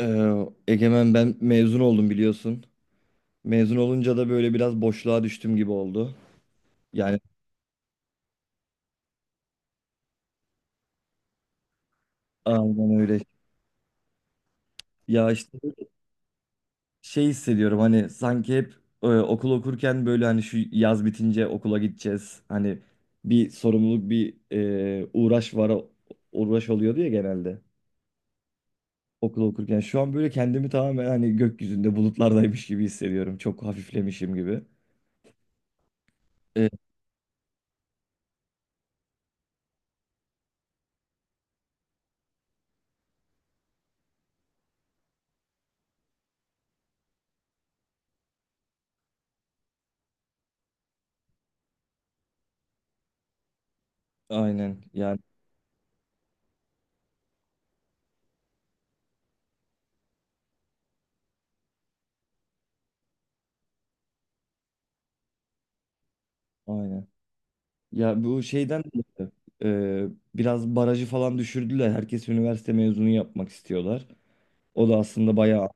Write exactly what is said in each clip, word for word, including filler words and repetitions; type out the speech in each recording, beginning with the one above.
Ee, Egemen ben mezun oldum biliyorsun. Mezun olunca da böyle biraz boşluğa düştüm gibi oldu. Yani aynen öyle. Ya işte şey hissediyorum hani sanki hep e, okul okurken böyle hani şu yaz bitince okula gideceğiz. Hani bir sorumluluk bir e, uğraş var uğraş oluyordu ya genelde okul okurken. Şu an böyle kendimi tamamen hani gökyüzünde bulutlardaymış gibi hissediyorum. Çok hafiflemişim gibi. E, aynen yani aynen. Ya bu şeyden dolayı, e, biraz barajı falan düşürdüler. Herkes üniversite mezunu yapmak istiyorlar. O da aslında bayağı...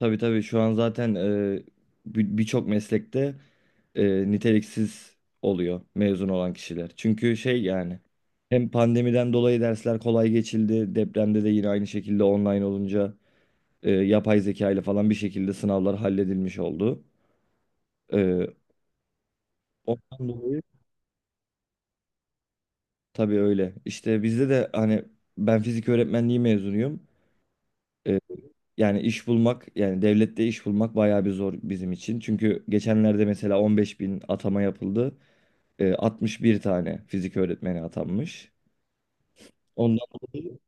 Tabii tabii şu an zaten e, bir- birçok meslekte e, niteliksiz oluyor mezun olan kişiler. Çünkü şey yani hem pandemiden dolayı dersler kolay geçildi. Depremde de yine aynı şekilde online olunca e, yapay zeka ile falan bir şekilde sınavlar halledilmiş oldu. E, ondan dolayı. Tabii öyle. İşte bizde de hani ben fizik öğretmenliği mezunuyum. Ee, yani iş bulmak yani devlette iş bulmak bayağı bir zor bizim için. Çünkü geçenlerde mesela on beş bin atama yapıldı. Ee, altmış bir tane fizik öğretmeni atanmış. Ondan dolayı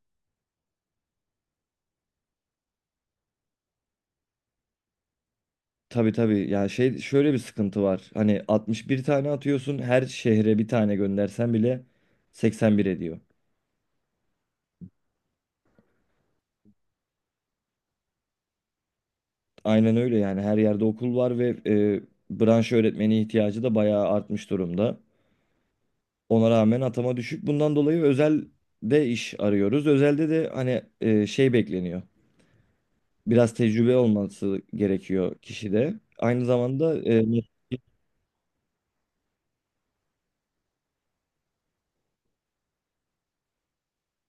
tabii tabii yani şey şöyle bir sıkıntı var. Hani altmış bir tane atıyorsun her şehre bir tane göndersen bile seksen bir ediyor. Aynen öyle yani her yerde okul var ve e, branş öğretmeni ihtiyacı da bayağı artmış durumda. Ona rağmen atama düşük. Bundan dolayı özelde iş arıyoruz. Özelde de hani e, şey bekleniyor. Biraz tecrübe olması gerekiyor kişide. Aynı zamanda e,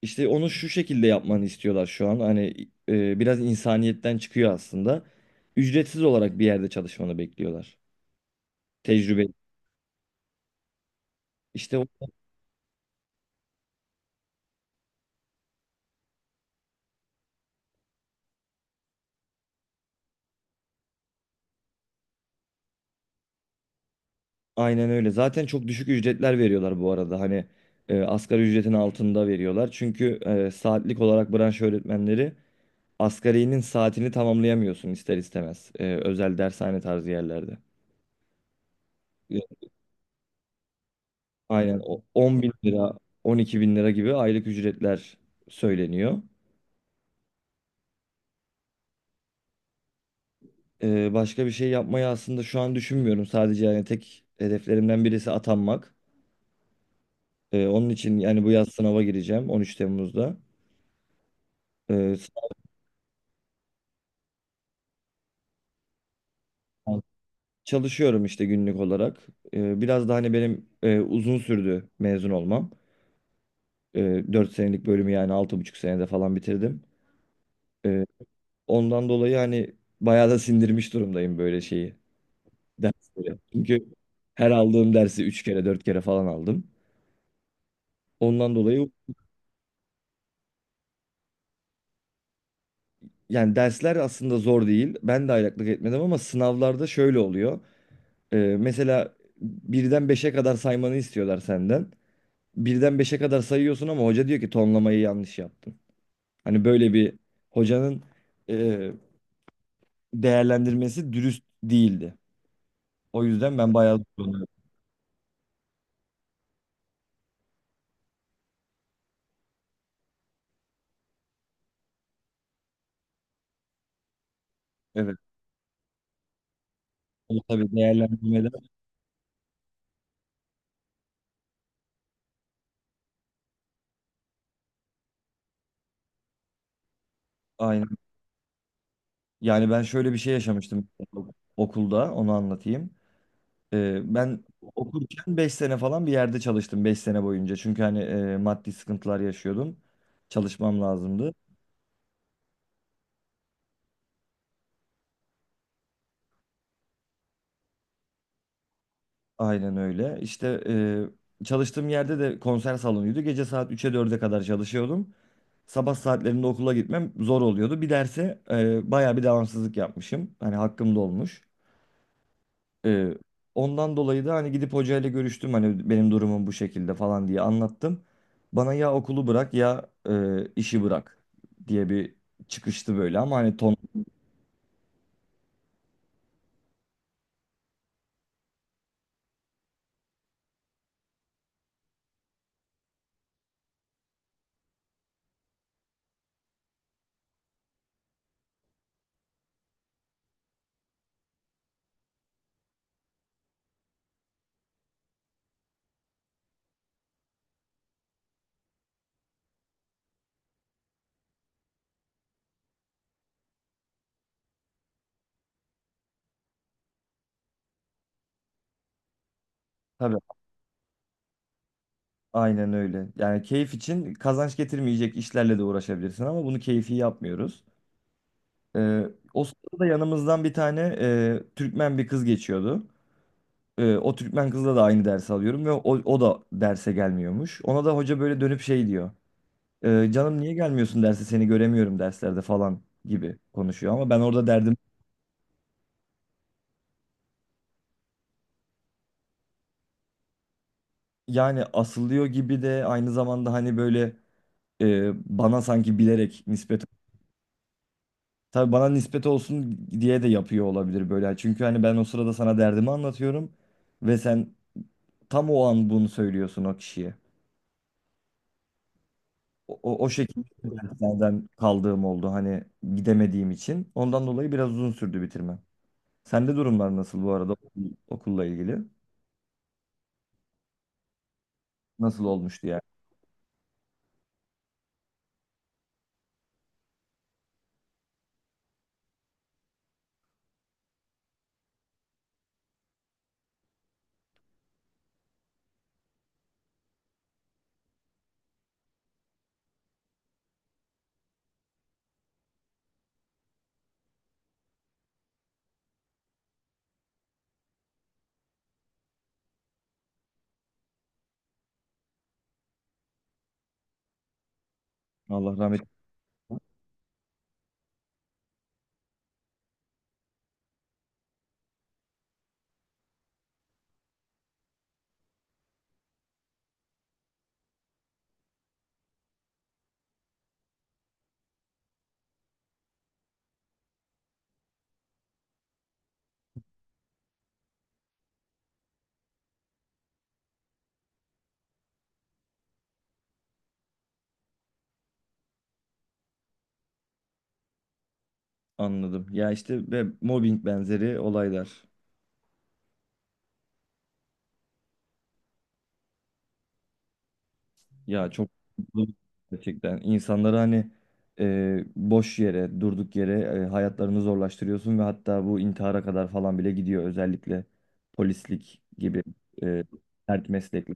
işte onu şu şekilde yapmanı istiyorlar şu an. Hani e, biraz insaniyetten çıkıyor aslında. Ücretsiz olarak bir yerde çalışmanı bekliyorlar. Tecrübe. İşte o- aynen öyle. Zaten çok düşük ücretler veriyorlar bu arada. Hani e, asgari ücretin altında veriyorlar. Çünkü e, saatlik olarak branş öğretmenleri Asgari'nin saatini tamamlayamıyorsun ister istemez. Ee, özel dershane tarzı yerlerde. Ee, Aynen o on bin lira, on iki bin lira gibi aylık ücretler söyleniyor. Ee, başka bir şey yapmayı aslında şu an düşünmüyorum. Sadece yani tek hedeflerimden birisi atanmak. Ee, onun için yani bu yaz sınava gireceğim on üç Temmuz'da. Ee, sınavdan çalışıyorum işte günlük olarak. Ee, biraz da hani benim e, uzun sürdü mezun olmam. Ee, dört senelik bölümü yani altı buçuk senede falan bitirdim. E, Ondan dolayı hani bayağı da sindirmiş durumdayım böyle şeyi. Dersleri. Çünkü her aldığım dersi üç kere dört kere falan aldım. Ondan dolayı yani dersler aslında zor değil. Ben de aylaklık etmedim ama sınavlarda şöyle oluyor. Ee, mesela birden beşe kadar saymanı istiyorlar senden. Birden beşe kadar sayıyorsun ama hoca diyor ki tonlamayı yanlış yaptın. Hani böyle bir hocanın e, değerlendirmesi dürüst değildi. O yüzden ben bayağı zorlanıyorum. Evet. O tabii değerlendirmeler aynen. Yani ben şöyle bir şey yaşamıştım okulda onu anlatayım. Ee, ben okurken beş sene falan bir yerde çalıştım beş sene boyunca. Çünkü hani e, maddi sıkıntılar yaşıyordum. Çalışmam lazımdı. Aynen öyle. İşte e, çalıştığım yerde de konser salonuydu. Gece saat üç'e dörde kadar çalışıyordum. Sabah saatlerinde okula gitmem zor oluyordu. Bir derse e, bayağı bir devamsızlık yapmışım. Hani hakkım da olmuş. Ee, ondan dolayı da hani gidip hocayla görüştüm hani benim durumum bu şekilde falan diye anlattım. Bana ya okulu bırak ya e, işi bırak diye bir çıkıştı böyle ama hani ton tabii aynen öyle. Yani keyif için kazanç getirmeyecek işlerle de uğraşabilirsin ama bunu keyfi yapmıyoruz. Ee, o sırada yanımızdan bir tane e, Türkmen bir kız geçiyordu. Ee, o Türkmen kızla da aynı dersi alıyorum ve o, o da derse gelmiyormuş. Ona da hoca böyle dönüp şey diyor. Ee, canım niye gelmiyorsun derse seni göremiyorum derslerde falan gibi konuşuyor. Ama ben orada derdim yani asılıyor gibi de aynı zamanda hani böyle e, bana sanki bilerek nispet tabii bana nispet olsun diye de yapıyor olabilir böyle. Hani çünkü hani ben o sırada sana derdimi anlatıyorum ve sen tam o an bunu söylüyorsun o kişiye. O, o, o şekilde derslerden kaldığım oldu hani gidemediğim için. Ondan dolayı biraz uzun sürdü bitirmem. Sende durumlar nasıl bu arada okul- okulla ilgili? Nasıl olmuştu yani? Allah rahmet. Anladım. Ya işte ve mobbing benzeri olaylar. Ya çok gerçekten insanları hani e, boş yere, durduk yere e, hayatlarını zorlaştırıyorsun ve hatta bu intihara kadar falan bile gidiyor özellikle polislik gibi e, sert meslekler.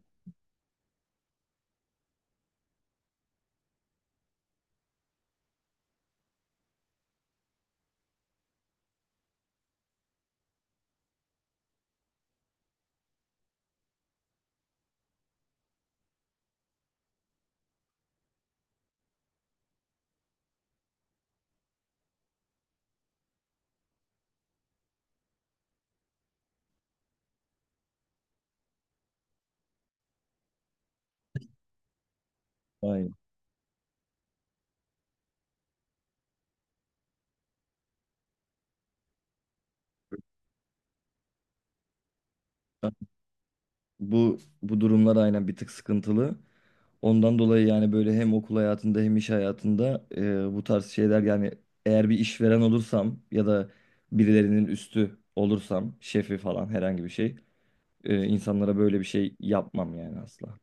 Aynen. Bu bu durumlar aynen bir tık sıkıntılı. Ondan dolayı yani böyle hem okul hayatında hem iş hayatında e, bu tarz şeyler yani eğer bir işveren olursam ya da birilerinin üstü olursam şefi falan herhangi bir şey e, insanlara böyle bir şey yapmam yani asla.